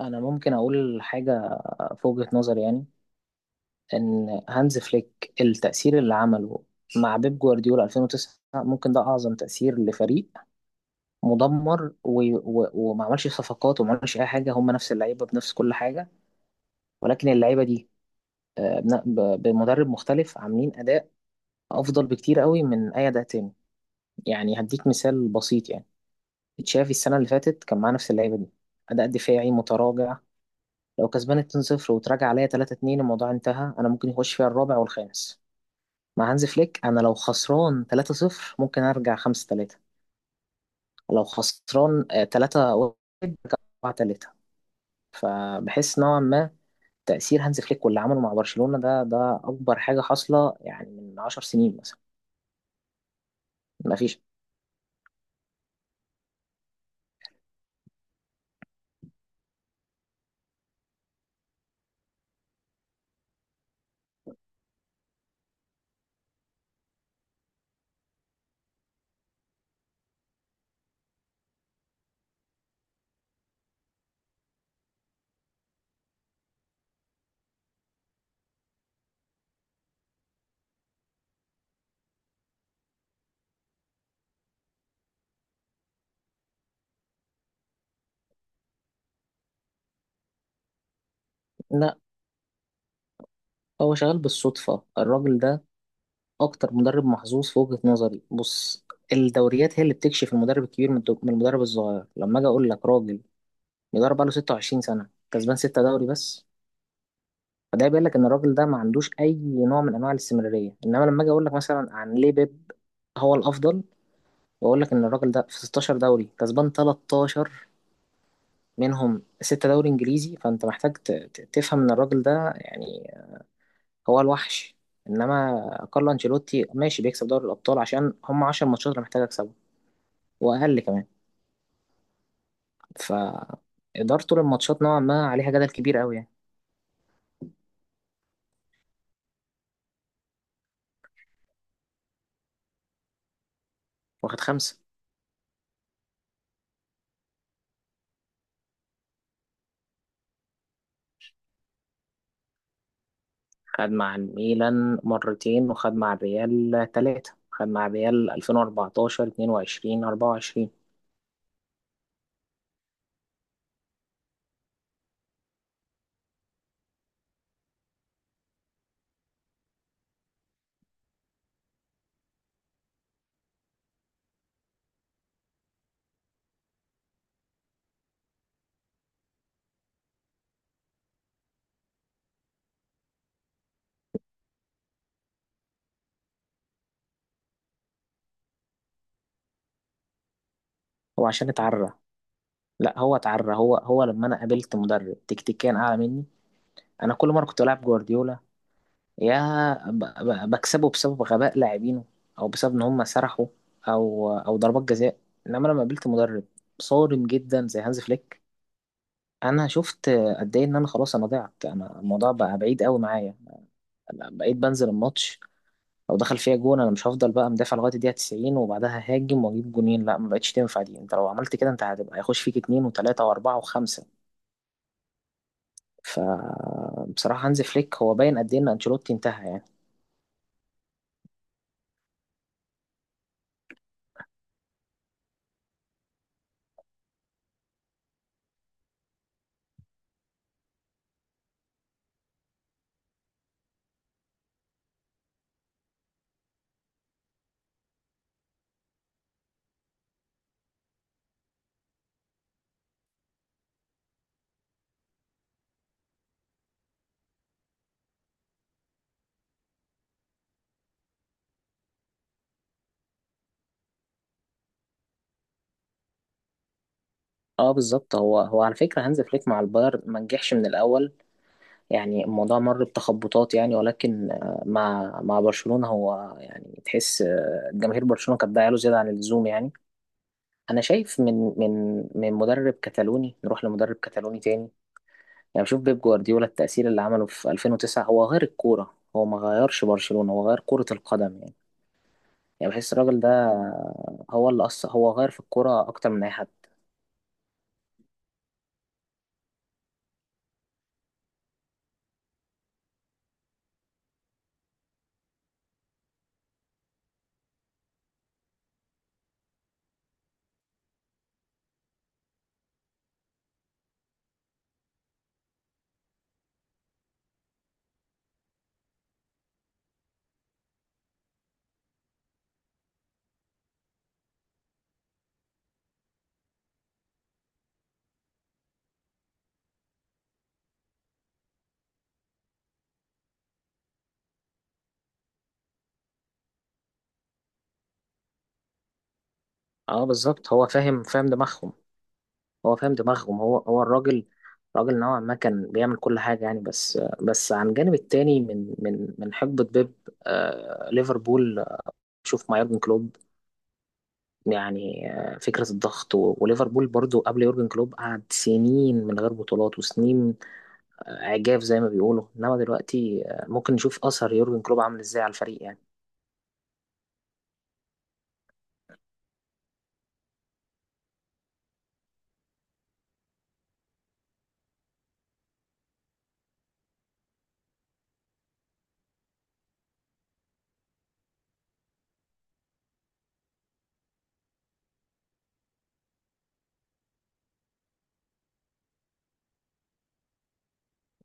انا ممكن اقول حاجه في وجهه نظري، يعني ان هانز فليك التاثير اللي عمله مع بيب جوارديولا 2009 ممكن ده اعظم تاثير لفريق مدمر، و... و... وما عملش صفقات وما عملش اي حاجه، هم نفس اللعيبه بنفس كل حاجه، ولكن اللعيبه دي بمدرب مختلف عاملين اداء افضل بكتير قوي من اي اداء تاني. يعني هديك مثال بسيط، يعني تشافي السنه اللي فاتت كان معاه نفس اللعيبه دي، اداء دفاعي متراجع، لو كسبان 2-0 وتراجع عليا 3-2 الموضوع انتهى، انا ممكن يخش فيها الرابع والخامس. مع هانز فليك انا لو خسران 3-0 ممكن ارجع 5-3، لو خسران 3-1، 4-3. فبحس نوعا ما تأثير هانز فليك واللي عمله مع برشلونة ده أكبر حاجة حاصلة، يعني من 10 سنين مثلا. مفيش. لا، هو شغال بالصدفة الراجل ده، أكتر مدرب محظوظ في وجهة نظري. بص، الدوريات هي اللي بتكشف المدرب الكبير من من المدرب الصغير. لما أجي أقول لك راجل بيدرب بقاله 26 سنة كسبان ستة دوري بس، فده بيقول لك إن الراجل ده ما عندوش أي نوع من أنواع الاستمرارية. إنما لما أجي أقول لك مثلا عن ليه بيب هو الأفضل، وأقول لك إن الراجل ده في 16 دوري كسبان 13 منهم ستة دوري إنجليزي، فأنت محتاج تفهم إن الراجل ده يعني هو الوحش. إنما كارلو أنشيلوتي ماشي بيكسب دوري الأبطال عشان هم 10 ماتشات اللي محتاج أكسبهم وأقل كمان. فإدارته للماتشات نوعا ما عليها جدل كبير أوي يعني. واخد خمسة. خد مع الميلان مرتين، وخد مع الريال ثلاثة، خد مع الريال 2014، 22، 24. هو عشان اتعرى. لا، هو اتعرى هو هو لما انا قابلت مدرب تكتيكيا اعلى مني، انا كل مرة كنت بلعب جوارديولا يا بكسبه بسبب غباء لاعبينه، او بسبب ان هم سرحوا، او ضربات جزاء. انما لما قابلت مدرب صارم جدا زي هانز فليك انا شفت قد ايه ان انا خلاص، انا ضعت، انا الموضوع بقى بعيد قوي معايا. بقيت بنزل الماتش، لو دخل فيها جون انا مش هفضل بقى مدافع لغايه الدقيقه 90 وبعدها هاجم واجيب جونين. لا، ما بقتش تنفع دي، انت لو عملت كده انت هتبقى هيخش فيك اتنين وتلاته واربعه وخمسه. فبصراحه هانز فليك هو باين قد ايه ان انشيلوتي انتهى يعني. اه، بالظبط هو هو على فكره هانز فليك مع البايرن ما نجحش من الاول، يعني الموضوع مر بتخبطات يعني، ولكن مع برشلونه هو يعني تحس جماهير برشلونه كانت له زياده عن اللزوم يعني. انا شايف من مدرب كتالوني نروح لمدرب كتالوني تاني، يعني بشوف بيب جوارديولا التأثير اللي عمله في 2009، هو غير الكورة، هو ما غيرش برشلونة، هو غير كرة القدم يعني. يعني بحس الراجل ده هو اللي أصلا هو غير في الكورة أكتر من أي حد. اه، بالظبط هو فاهم دماغهم، هو فاهم دماغهم، هو هو الراجل، راجل نوعا ما كان بيعمل كل حاجة يعني بس. بس عن الجانب التاني من حقبة بيب. ليفربول، شوف مع يورجن كلوب، يعني فكرة الضغط و- وليفربول برضو قبل يورجن كلوب قعد سنين من غير بطولات وسنين عجاف زي ما بيقولوا، انما دلوقتي ممكن نشوف اثر يورجن كلوب عامل ازاي على الفريق يعني.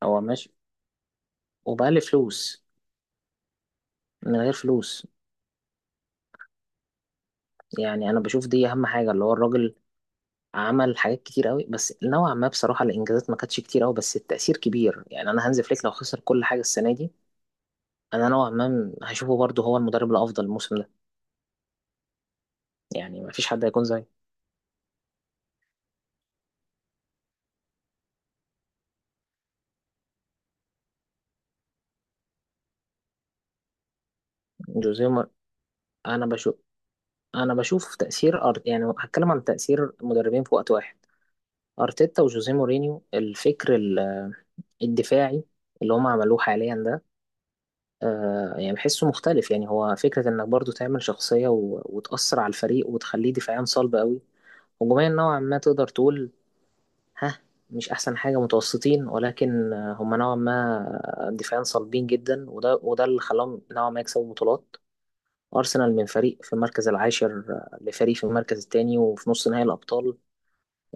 هو ماشي، وبقى فلوس، من غير فلوس. يعني انا بشوف دي اهم حاجه، اللي هو الراجل عمل حاجات كتير قوي، بس نوعا ما بصراحه الانجازات ما كانتش كتير قوي بس التاثير كبير، يعني انا هانز فليك لو خسر كل حاجه السنه دي، انا نوعا ما هشوفه برضه هو المدرب الافضل الموسم ده، يعني ما فيش حد هيكون زي جوزيه مور- انا بشوف انا بشوف تاثير يعني هتكلم عن تاثير مدربين في وقت واحد، ارتيتا وجوزيه مورينيو، الفكر الدفاعي اللي هم عملوه حاليا ده، يعني بحسه مختلف، يعني هو فكرة انك برضو تعمل شخصية و... وتأثر على الفريق وتخليه دفاعيا صلب قوي، هجوميا نوعا ما تقدر تقول ها مش احسن حاجة، متوسطين، ولكن هم نوعا ما دفاعيا صلبين جدا، وده اللي خلاهم نوعا ما يكسبوا بطولات. أرسنال من فريق في المركز العاشر لفريق في المركز الثاني وفي نص نهائي الأبطال.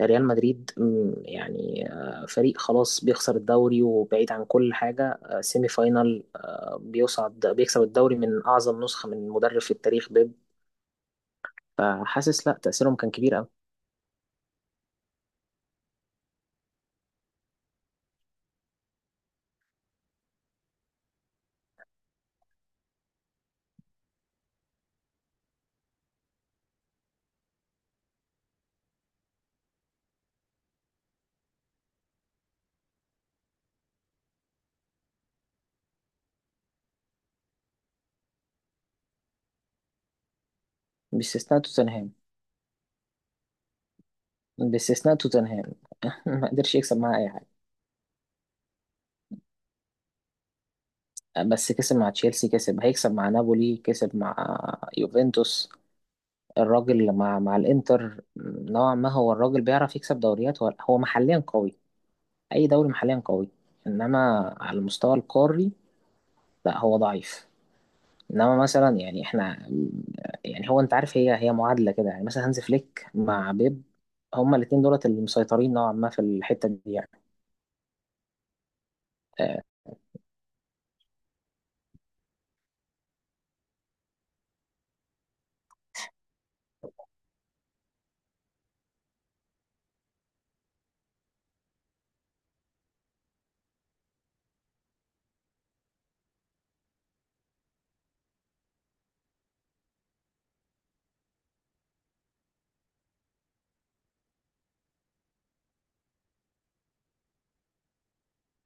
ريال مدريد، يعني فريق خلاص بيخسر الدوري وبعيد عن كل حاجة، سيمي فاينال، بيصعد بيكسب الدوري من أعظم نسخة من مدرب في التاريخ بيب. فحاسس لا، تأثيرهم كان كبير أوي. باستثناء توتنهام باستثناء توتنهام ما قدرش يكسب معاه أي حاجة. بس كسب مع تشيلسي، هيكسب مع نابولي، كسب مع يوفنتوس. الراجل مع الإنتر نوعا ما، هو الراجل بيعرف يكسب دوريات، هو هو محليا قوي، اي دوري محليا قوي، انما على المستوى القاري لا هو ضعيف، انما مثلا يعني احنا، يعني هو انت عارف، هي هي معادله كده يعني، مثلا هانز فليك مع بيب هما الاثنين دولت اللي مسيطرين نوعا ما في الحته دي يعني.